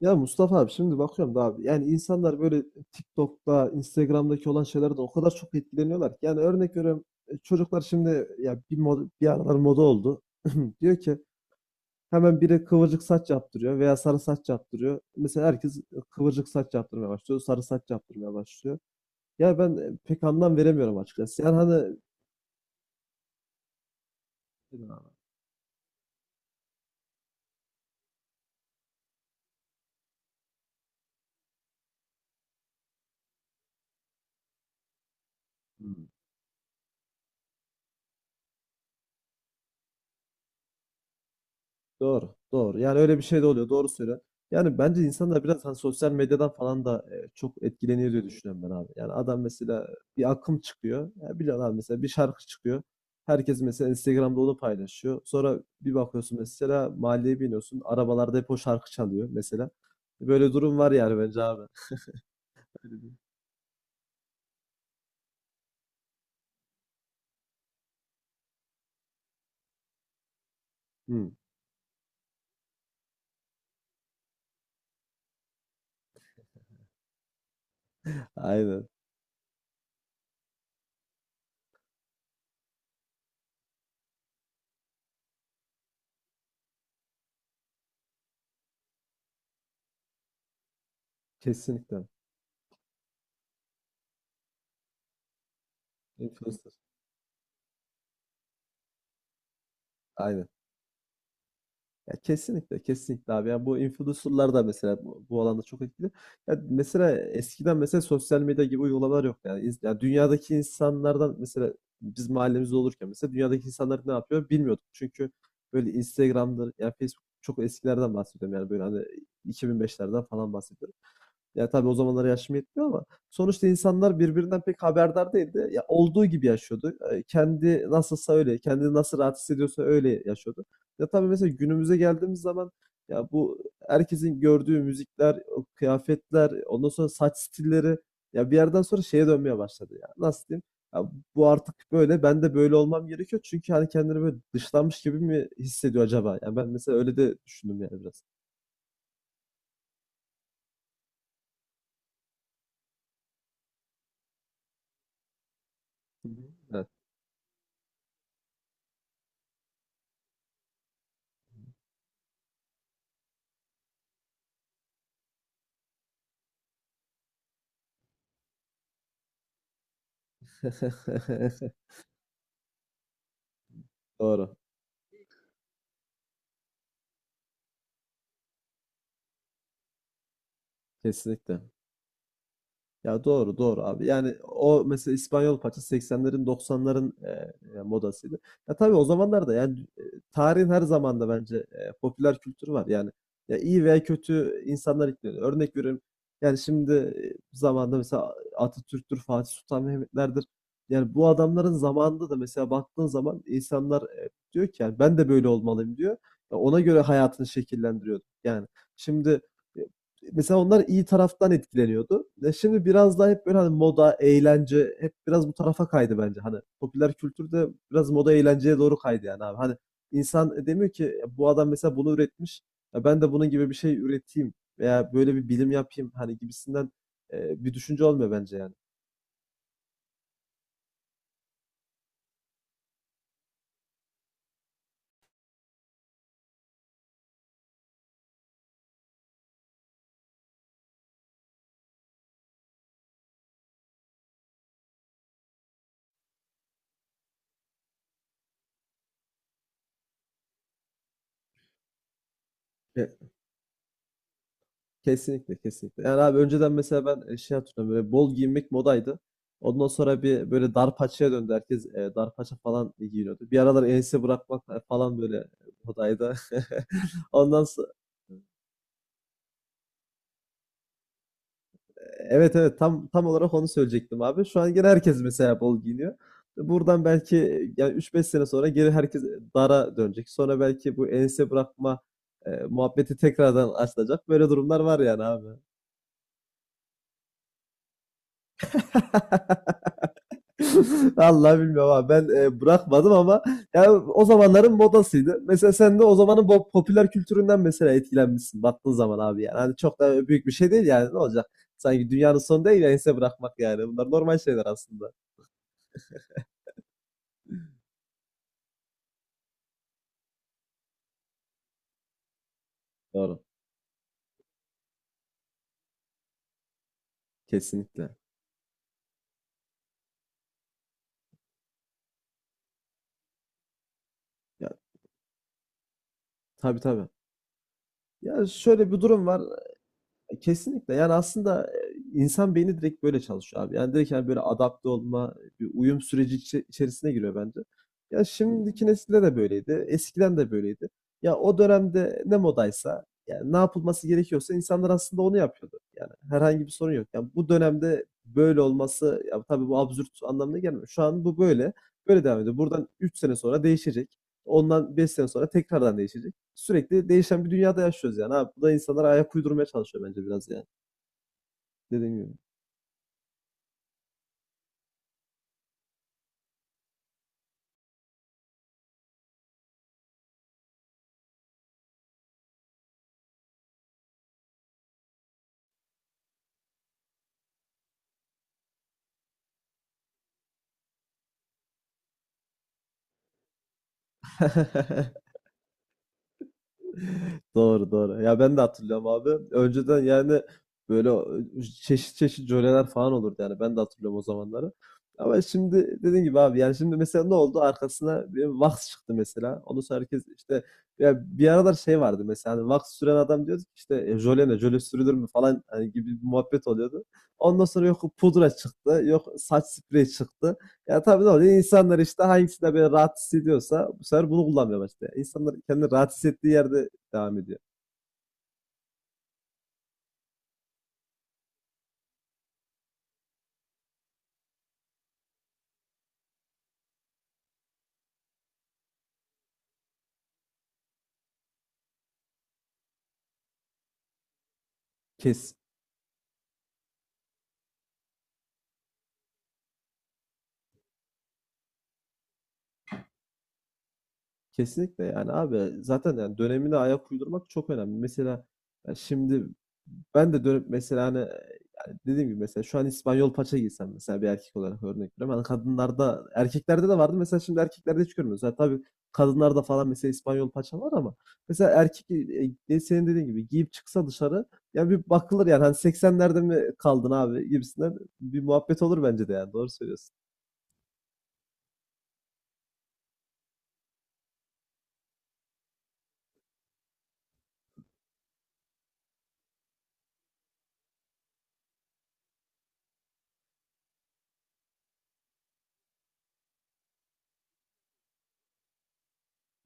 Ya Mustafa abi şimdi bakıyorum da abi yani insanlar böyle TikTok'ta, Instagram'daki olan şeylerden o kadar çok etkileniyorlar ki. Yani örnek veriyorum çocuklar şimdi ya bir aralar moda oldu. Diyor ki hemen biri kıvırcık saç yaptırıyor veya sarı saç yaptırıyor. Mesela herkes kıvırcık saç yaptırmaya başlıyor, sarı saç yaptırmaya başlıyor. Ya ben pek anlam veremiyorum açıkçası. Yani hani bilmiyorum, abi. Hmm. Doğru, doğru. Yani öyle bir şey de oluyor. Doğru söylüyorsun. Yani bence insanlar biraz hani sosyal medyadan falan da çok etkileniyor diye düşünüyorum ben abi. Yani adam mesela bir akım çıkıyor. Ya biliyorsun abi mesela bir şarkı çıkıyor. Herkes mesela Instagram'da onu paylaşıyor. Sonra bir bakıyorsun mesela mahalleye biniyorsun. Arabalarda hep o şarkı çalıyor mesela. Böyle durum var yani bence abi. Öyle bir- Hı, aynen. Kesinlikle. Influencer. Aynen. Ya, kesinlikle kesinlikle abi. Ya bu influencer'lar da mesela bu alanda çok etkili. Ya mesela eskiden mesela sosyal medya gibi uygulamalar yok yani. Ya dünyadaki insanlardan mesela biz mahallemizde olurken mesela dünyadaki insanlar ne yapıyor bilmiyorduk. Çünkü böyle Instagram'dır ya Facebook, çok eskilerden bahsediyorum yani, böyle hani 2005'lerden falan bahsediyorum. Ya tabii o zamanlar yaşım yetmiyor ama sonuçta insanlar birbirinden pek haberdar değildi. Ya olduğu gibi yaşıyordu. Kendi nasılsa öyle, kendini nasıl rahat hissediyorsa öyle yaşıyordu. Ya tabii mesela günümüze geldiğimiz zaman ya bu herkesin gördüğü müzikler, o kıyafetler, ondan sonra saç stilleri, ya bir yerden sonra şeye dönmeye başladı ya. Nasıl diyeyim? Ya bu artık böyle, ben de böyle olmam gerekiyor. Çünkü hani kendini böyle dışlanmış gibi mi hissediyor acaba? Ya ben mesela öyle de düşündüm yani biraz. Hı hı. Evet. Doğru. Kesinlikle. Ya, doğru doğru abi. Yani o mesela İspanyol paça 80'lerin 90'ların modasıydı. Ya tabii o zamanlarda yani, tarihin her zamanda bence popüler kültürü var. Yani ya iyi veya kötü insanlar ekleniyor. Örnek veriyorum. Yani şimdi zamanda mesela Atatürk'tür, Fatih Sultan Mehmet'lerdir. Yani bu adamların zamanında da mesela baktığın zaman insanlar diyor ki yani ben de böyle olmalıyım diyor. Ya ona göre hayatını şekillendiriyor. Yani şimdi e, mesela onlar iyi taraftan etkileniyordu. E şimdi biraz daha hep böyle hani moda, eğlence hep biraz bu tarafa kaydı bence. Hani popüler kültür de biraz moda eğlenceye doğru kaydı yani abi. Hani insan demiyor ki "Ya bu adam mesela bunu üretmiş. Ya ben de bunun gibi bir şey üreteyim veya böyle bir bilim yapayım hani gibisinden bir düşünce olmuyor bence yani." E, Kesinlikle kesinlikle. Yani abi önceden mesela ben şey hatırlıyorum, böyle bol giyinmek modaydı. Ondan sonra bir böyle dar paçaya döndü. Herkes dar paça falan giyiniyordu. Bir aralar ense bırakmak falan böyle modaydı. Ondan sonra evet evet, tam olarak onu söyleyecektim abi. Şu an gene herkes mesela bol giyiniyor. Buradan belki yani üç beş sene sonra geri herkes dara dönecek. Sonra belki bu ense bırakma muhabbeti tekrardan açılacak. Böyle durumlar var yani abi. Allah bilmiyorum abi. Ben bırakmadım ama ya o zamanların modasıydı. Mesela sen de o zamanın popüler kültüründen mesela etkilenmişsin baktığın zaman abi yani. Hani çok da büyük bir şey değil yani, ne olacak? Sanki dünyanın sonu değil ya ense bırakmak yani. Bunlar normal şeyler aslında. Doğru. Kesinlikle. Ya tabii tabii. Ya şöyle bir durum var. E, kesinlikle. Yani aslında insan beyni direkt böyle çalışıyor abi. Yani direkt, hani, böyle adapte olma, bir uyum süreci içerisine giriyor bence. Ya şimdiki nesilde de böyleydi, eskiden de böyleydi. Ya o dönemde ne modaysa, yani ne yapılması gerekiyorsa insanlar aslında onu yapıyordu. Yani herhangi bir sorun yok. Yani bu dönemde böyle olması, ya tabii bu absürt anlamına gelmiyor. Şu an bu böyle devam ediyor. Buradan 3 sene sonra değişecek. Ondan 5 sene sonra tekrardan değişecek, sürekli değişen bir dünyada yaşıyoruz yani abi. Bu da insanlara ayak uydurmaya çalışıyor bence biraz yani. Dediğim gibi. Doğru doğru. Ya ben de hatırlıyorum abi. Önceden yani böyle çeşit çeşit jöleler falan olurdu yani. Ben de hatırlıyorum o zamanları. Ama şimdi dediğin gibi abi, yani şimdi mesela ne oldu? Arkasına bir Vax çıktı mesela. Ondan sonra herkes işte, ya bir aralar şey vardı, mesela hani Vax süren adam diyordu ki işte jöle ne? Jöle sürülür mü falan, hani gibi bir muhabbet oluyordu. Ondan sonra yok pudra çıktı. Yok saç spreyi çıktı. Ya tabii ne oluyor? İnsanlar işte hangisinde böyle rahat hissediyorsa bu sefer bunu kullanmaya başlıyor. İnsanlar kendini rahat hissettiği yerde devam ediyor. Kes, Kesinlikle yani abi, zaten yani dönemine ayak uydurmak çok önemli. Mesela ya şimdi ben de dönüp mesela hani, yani dediğim gibi mesela şu an İspanyol paça giysem mesela, bir erkek olarak örnek veriyorum. Hani kadınlarda erkeklerde de vardı, mesela şimdi erkeklerde hiç görmüyoruz. Yani tabii kadınlarda falan mesela İspanyol paça var ama mesela erkek senin dediğin gibi giyip çıksa dışarı, ya bir bakılır yani, hani 80'lerde mi kaldın abi gibisinden bir muhabbet olur bence de, yani doğru söylüyorsun.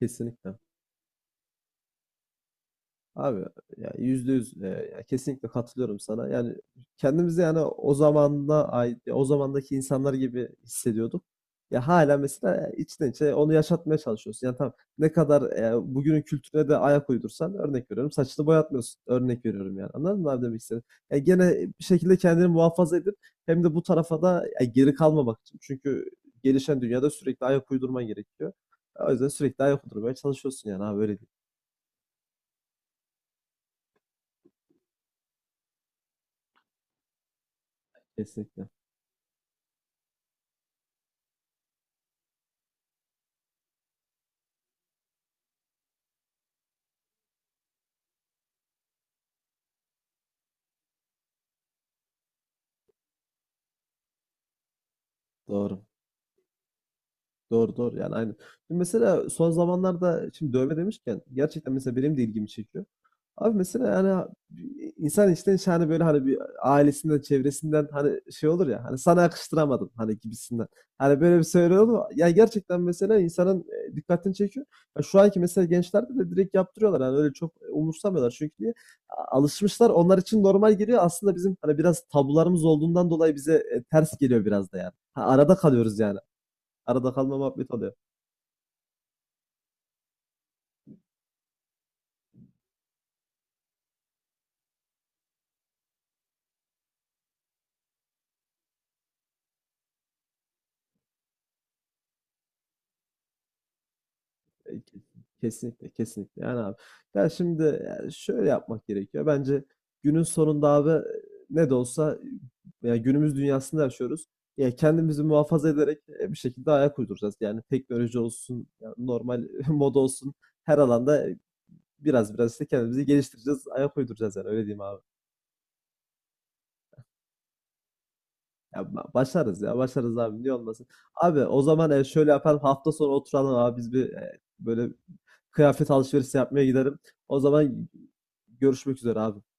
Kesinlikle. Abi ya yüzde yüz, ya kesinlikle katılıyorum sana. Yani kendimizi yani o zamanda ait, o zamandaki insanlar gibi hissediyorduk. Ya hala mesela içten içe onu yaşatmaya çalışıyorsun. Yani tamam, ne kadar bugünün kültürüne de ayak uydursan örnek veriyorum, saçını boyatmıyorsun. Örnek veriyorum yani. Anladın mı abi, demek istedim? Ya gene bir şekilde kendini muhafaza edip hem de bu tarafa da, ya geri kalmamak için. Çünkü gelişen dünyada sürekli ayak uydurman gerekiyor. O yüzden sürekli ayak uydurmaya çalışıyorsun yani abi, öyle değil. Kesinlikle. Doğru. Doğru doğru yani, aynen. Şimdi mesela son zamanlarda, şimdi dövme demişken, gerçekten mesela benim de ilgimi çekiyor. Abi mesela yani insan içten içe hani, böyle hani bir ailesinden çevresinden, hani şey olur ya, hani sana yakıştıramadım hani gibisinden. Hani böyle bir söyle olur mu? Ya gerçekten mesela insanın dikkatini çekiyor. Ya şu anki mesela gençlerde de direkt yaptırıyorlar, hani öyle çok umursamıyorlar, çünkü niye? Alışmışlar, onlar için normal geliyor aslında, bizim hani biraz tabularımız olduğundan dolayı bize ters geliyor biraz da yani. Ha, arada kalıyoruz yani. Arada kalma muhabbeti oluyor. E, kes- Kesinlikle, kesinlikle. Yani abi. Ya şimdi, ya şöyle yapmak gerekiyor. Bence günün sonunda abi, ne de olsa ya günümüz dünyasında yaşıyoruz. Ya kendimizi muhafaza ederek bir şekilde ayak uyduracağız. Yani teknoloji olsun, ya normal moda olsun, her alanda biraz biraz işte kendimizi geliştireceğiz, ayak uyduracağız yani, öyle diyeyim abi. Ya başarız ya. Başarız abi. Niye olmasın? Abi o zaman şöyle yapalım. Hafta sonu oturalım abi. Biz bir böyle kıyafet alışverişi yapmaya gidelim. O zaman görüşmek üzere abi.